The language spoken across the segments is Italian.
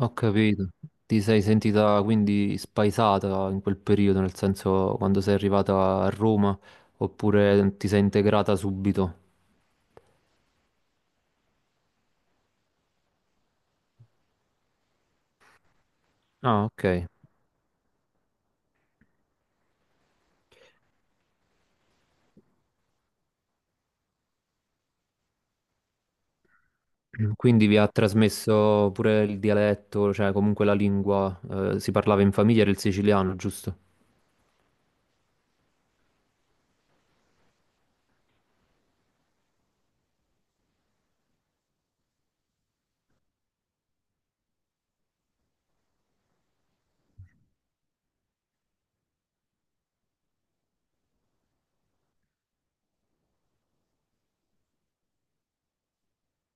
Ho capito. Ti sei sentita quindi spaesata in quel periodo, nel senso quando sei arrivata a Roma, oppure ti sei integrata subito? Ah, ok. Quindi vi ha trasmesso pure il dialetto, cioè comunque la lingua, si parlava in famiglia, era il siciliano, giusto?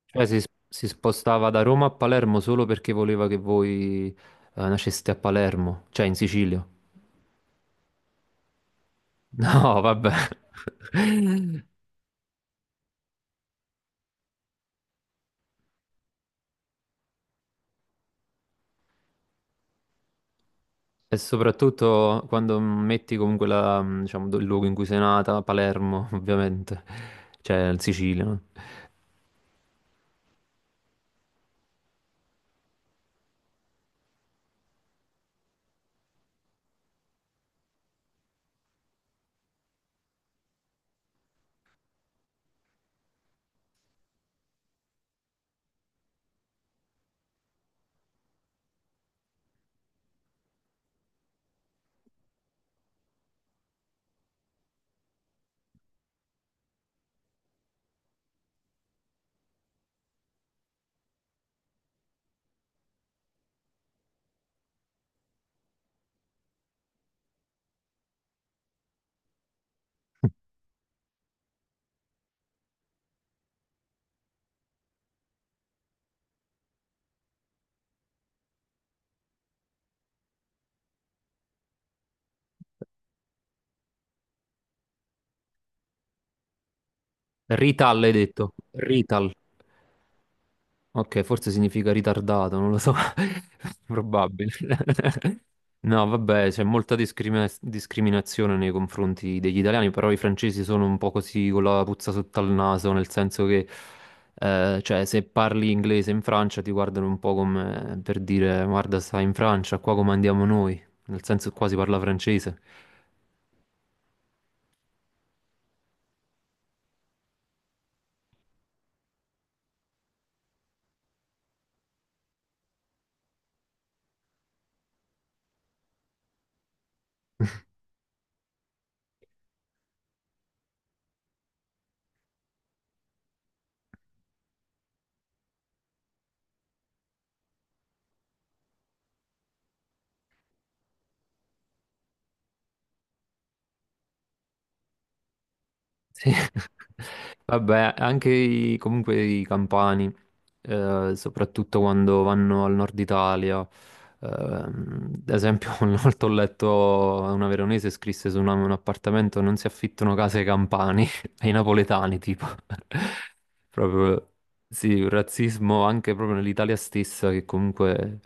Cioè si spostava da Roma a Palermo solo perché voleva che voi, nasceste a Palermo, cioè in Sicilia. No, vabbè. E soprattutto quando metti comunque la, diciamo, il luogo in cui sei nata, Palermo, ovviamente, cioè in Sicilia, no? Rital hai detto? Rital. Ok, forse significa ritardato, non lo so. Probabile. No, vabbè, c'è molta discriminazione nei confronti degli italiani, però i francesi sono un po' così con la puzza sotto al naso, nel senso che, cioè, se parli inglese in Francia ti guardano un po' come per dire, guarda, stai in Francia, qua come andiamo noi, nel senso che qua si parla francese. Sì. Vabbè, anche comunque i campani, soprattutto quando vanno al nord Italia. Ehm, ad esempio, una volta ho letto una veronese scrisse su un appartamento: non si affittano case ai campani, ai napoletani, tipo. Proprio sì, un razzismo anche proprio nell'Italia stessa, che comunque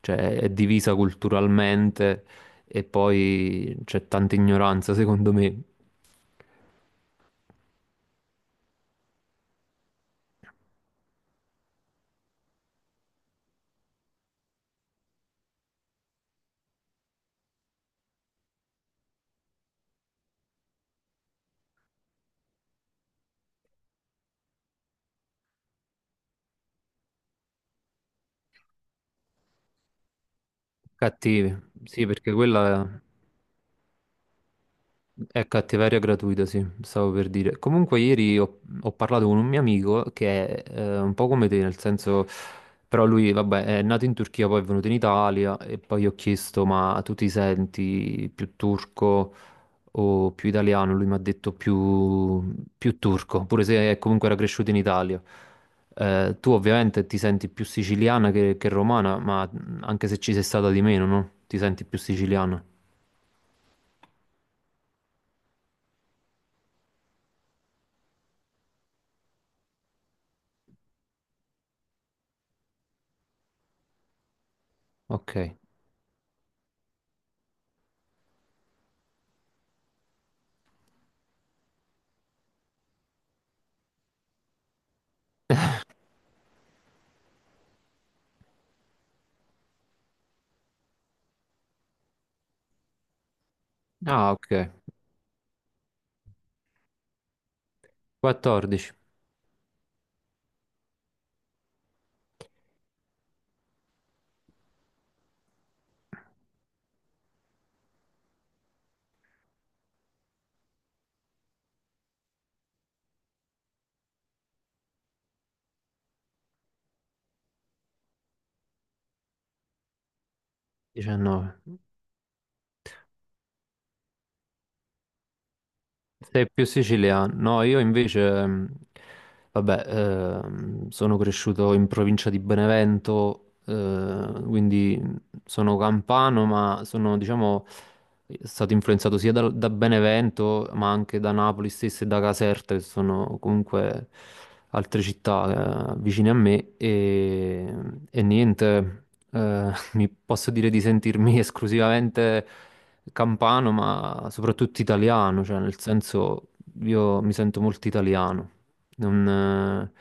cioè, è divisa culturalmente e poi c'è tanta ignoranza, secondo me. Cattivi, sì, perché quella è cattiveria gratuita, sì, stavo per dire. Comunque ieri ho parlato con un mio amico che è un po' come te, nel senso, però lui, vabbè, è nato in Turchia, poi è venuto in Italia e poi gli ho chiesto, ma tu ti senti più turco o più italiano? Lui mi ha detto più turco, pure se comunque era cresciuto in Italia. Tu ovviamente ti senti più siciliana che romana, ma anche se ci sei stata di meno, no? Ti senti più siciliana. Ok. Ah, ok. 14, 19. Sei più siciliano. No, io invece, vabbè, sono cresciuto in provincia di Benevento, quindi sono campano, ma sono, diciamo, è stato influenzato sia da, Benevento, ma anche da Napoli stessa e da Caserta, che sono comunque altre città vicine a me. E niente, mi posso dire di sentirmi esclusivamente campano, ma soprattutto italiano, cioè nel senso io mi sento molto italiano. Non, eh,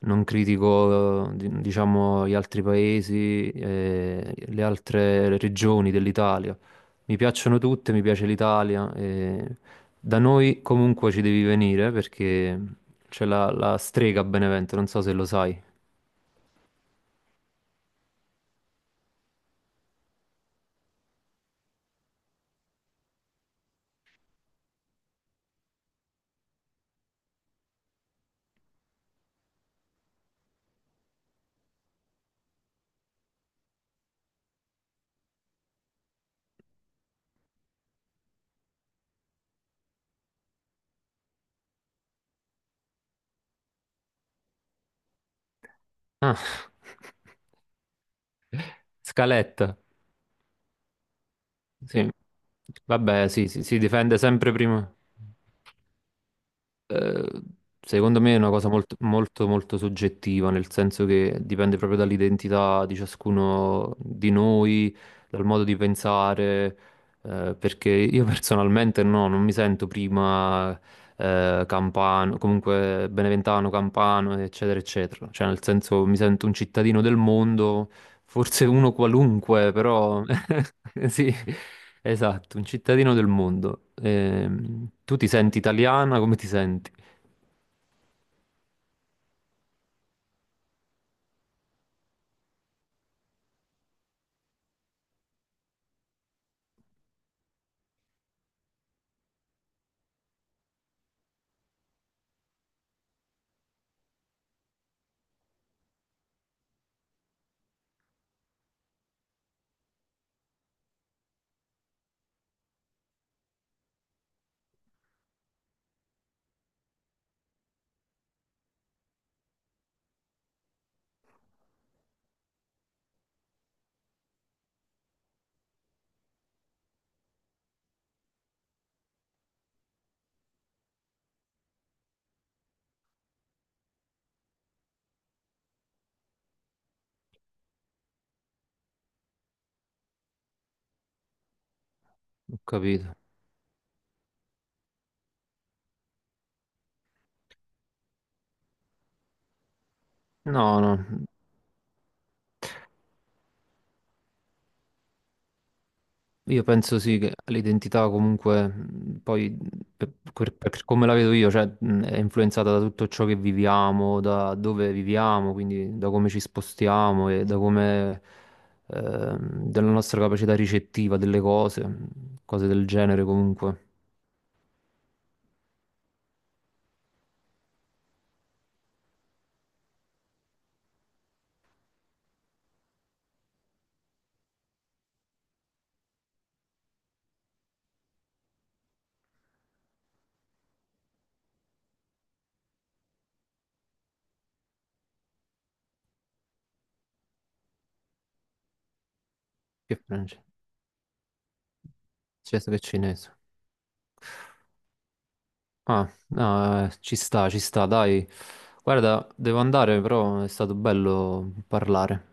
Non critico, diciamo, gli altri paesi, le altre regioni dell'Italia. Mi piacciono tutte, mi piace l'Italia. E da noi comunque ci devi venire perché c'è la strega a Benevento, non so se lo sai. Ah, scaletta. Sì. Vabbè, sì, sì, si difende sempre prima. Eh, secondo me è una cosa molto, molto, molto soggettiva, nel senso che dipende proprio dall'identità di ciascuno di noi, dal modo di pensare, perché io personalmente no, non mi sento prima campano, comunque beneventano, campano, eccetera, eccetera. Cioè, nel senso, mi sento un cittadino del mondo, forse uno qualunque, però sì, esatto, un cittadino del mondo. Tu ti senti italiana? Come ti senti? Ho capito. No, no. Io penso sì che l'identità comunque poi per come la vedo io, cioè, è influenzata da tutto ciò che viviamo, da dove viviamo, quindi da come ci spostiamo e da come della nostra capacità ricettiva delle cose, cose del genere comunque. Che francese? Cinese. Che cinese? Ah, no, ci sta, dai. Guarda, devo andare, però è stato bello parlare.